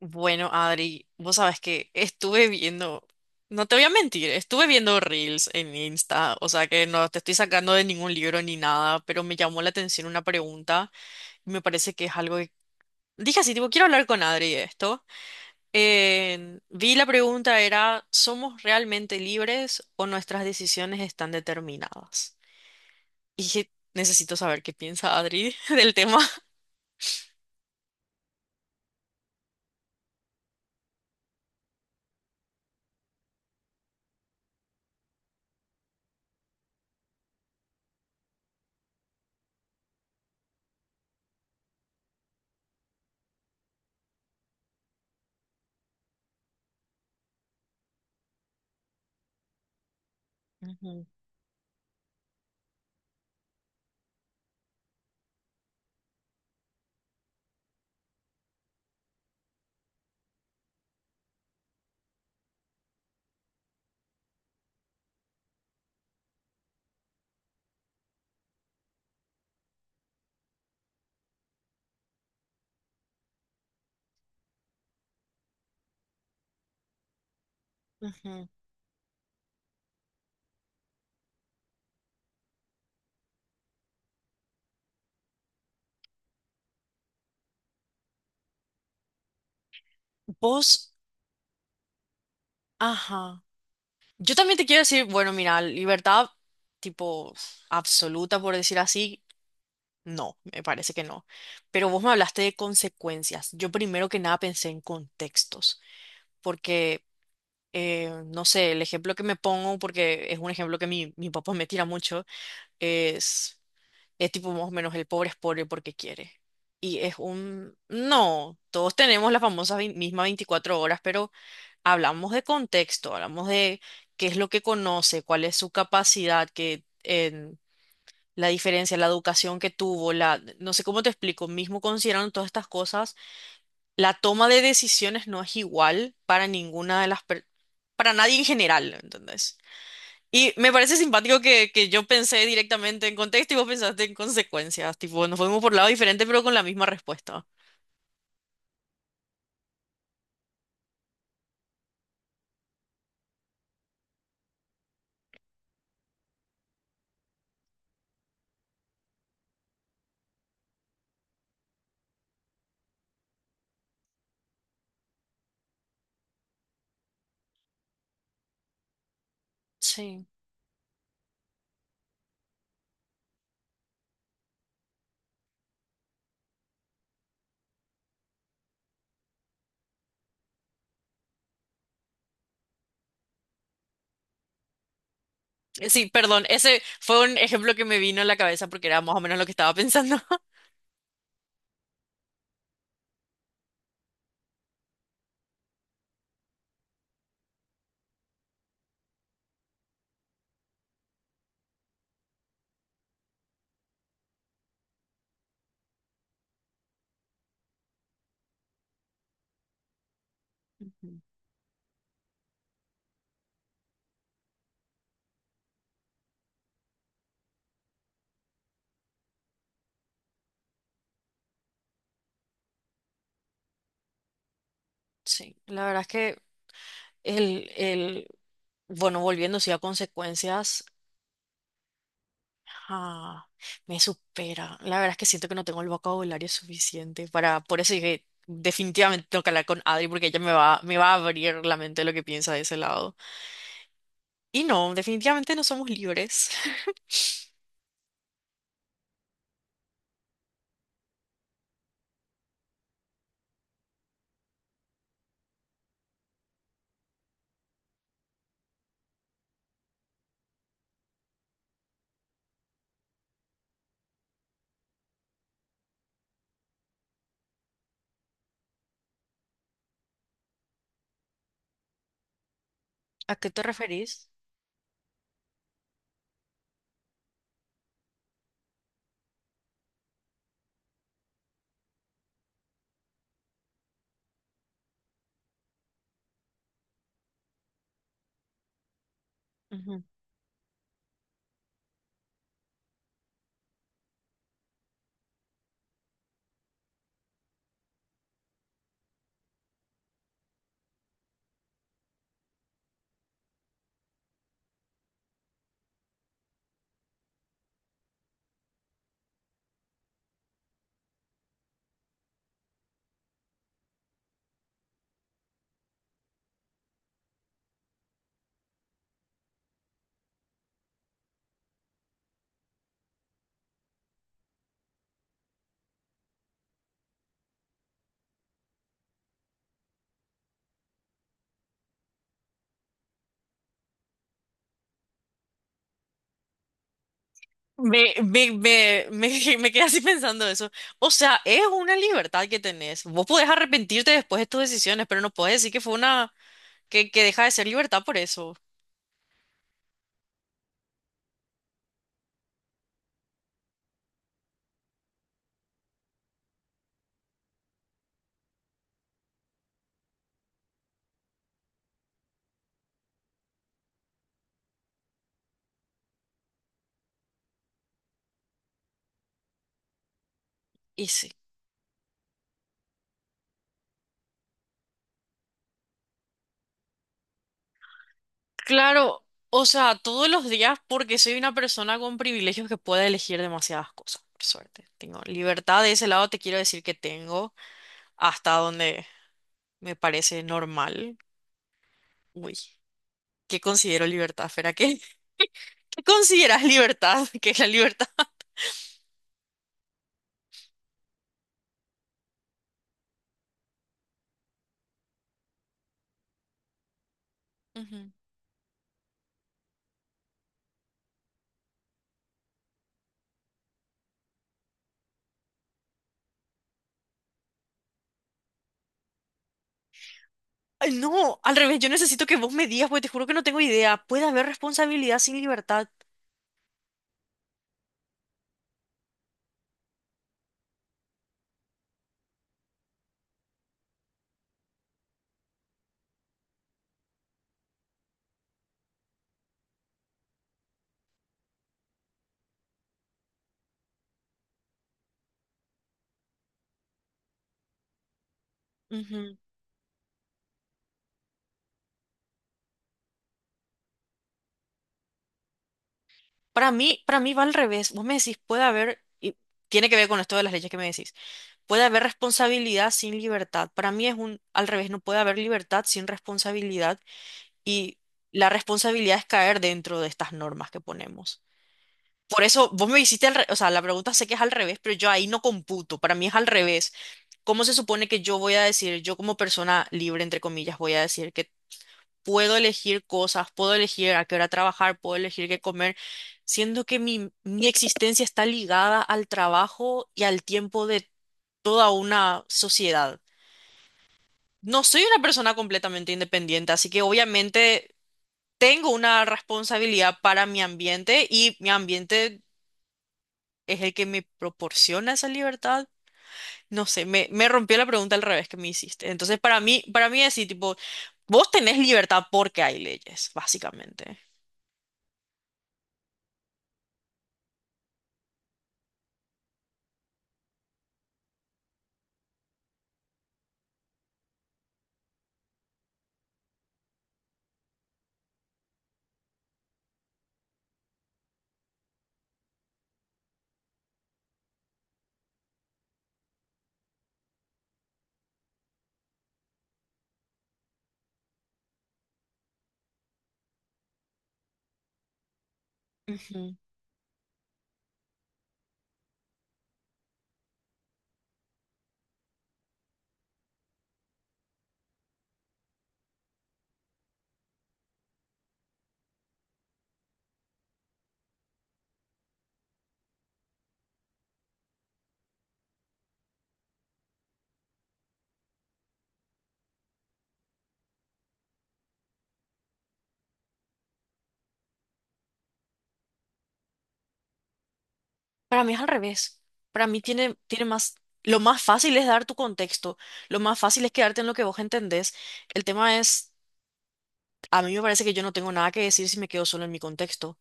Bueno, Adri, vos sabes que estuve viendo, no te voy a mentir, estuve viendo reels en Insta, o sea que no te estoy sacando de ningún libro ni nada, pero me llamó la atención una pregunta y me parece que es algo que dije así, tipo, quiero hablar con Adri de esto. Vi la pregunta era, ¿somos realmente libres o nuestras decisiones están determinadas? Y dije, necesito saber qué piensa Adri del tema. Ujú, ujú. Vos, ajá. Yo también te quiero decir, bueno, mira, libertad tipo absoluta, por decir así, no, me parece que no. Pero vos me hablaste de consecuencias. Yo primero que nada pensé en contextos, porque, no sé, el ejemplo que me pongo, porque es un ejemplo que mi papá me tira mucho, es... Es tipo más o menos el pobre es pobre porque quiere. Y es un... No, todos tenemos la famosa misma 24 horas, pero hablamos de contexto, hablamos de qué es lo que conoce, cuál es su capacidad, que, en la diferencia, la educación que tuvo, la... No sé cómo te explico, mismo considerando todas estas cosas, la toma de decisiones no es igual para ninguna de las... Para nadie en general, ¿entendés? Y me parece simpático que yo pensé directamente en contexto y vos pensaste en consecuencias. Tipo, nos fuimos por lados diferentes, pero con la misma respuesta. Sí. Sí, perdón, ese fue un ejemplo que me vino a la cabeza porque era más o menos lo que estaba pensando. Ujú. Sí, la verdad es que el, el, bueno, volviendo sí a consecuencias, ah, me supera. La verdad es que siento que no tengo el vocabulario suficiente para, por eso dije, definitivamente tengo que hablar con Adri porque ella me va a abrir la mente de lo que piensa de ese lado. Y no, definitivamente no somos libres. ¿A qué te referís? Ujú. Me quedé así pensando eso. O sea, es una libertad que tenés. Vos podés arrepentirte después de tus decisiones, pero no podés decir que fue una, que deja de ser libertad por eso. Y sí. Claro, o sea, todos los días porque soy una persona con privilegios que puede elegir demasiadas cosas, por suerte. Tengo libertad de ese lado, te quiero decir que tengo hasta donde me parece normal. Uy, ¿qué considero libertad, Fera? ¿Qué, qué consideras libertad? ¿Qué es la libertad? Ujú. Ay, no, al revés, yo necesito que vos me digas porque te juro que no tengo idea. ¿Puede haber responsabilidad sin libertad? Ujú. Para mí va al revés. Vos me decís, puede haber, y tiene que ver con esto de las leyes que me decís. Puede haber responsabilidad sin libertad. Para mí es un, al revés, no puede haber libertad sin responsabilidad y la responsabilidad es caer dentro de estas normas que ponemos. Por eso vos me hiciste, o sea, la pregunta sé que es al revés, pero yo ahí no computo. Para mí es al revés. ¿Cómo se supone que yo voy a decir, yo como persona libre, entre comillas, voy a decir que puedo elegir cosas, puedo elegir a qué hora trabajar, puedo elegir qué comer, siendo que mi existencia está ligada al trabajo y al tiempo de toda una sociedad. No soy una persona completamente independiente, así que obviamente tengo una responsabilidad para mi ambiente y mi ambiente es el que me proporciona esa libertad. No sé, me rompió la pregunta al revés que me hiciste. Entonces, para mí es así, tipo, vos tenés libertad porque hay leyes, básicamente. Ujú. Para mí es al revés. Para mí tiene, tiene más... Lo más fácil es dar tu contexto. Lo más fácil es quedarte en lo que vos entendés. El tema es, a mí me parece que yo no tengo nada que decir si me quedo solo en mi contexto.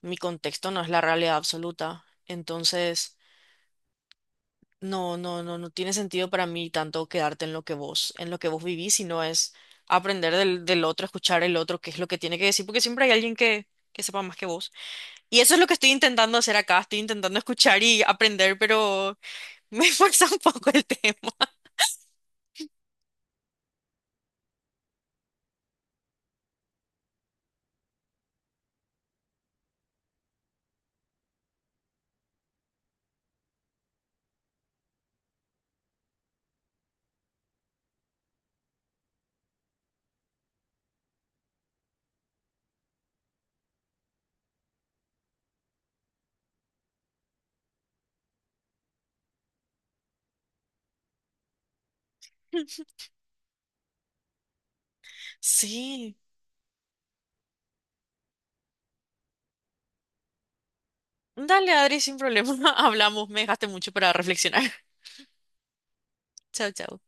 Mi contexto no es la realidad absoluta. Entonces, no tiene sentido para mí tanto quedarte en lo que vos, en lo que vos vivís, sino es aprender del otro, escuchar el otro, qué es lo que tiene que decir, porque siempre hay alguien que sepa más que vos. Y eso es lo que estoy intentando hacer acá. Estoy intentando escuchar y aprender, pero me esfuerza un poco el tema. Sí. Dale, Adri, sin problema. Hablamos. Me dejaste mucho para reflexionar. Chao, chao.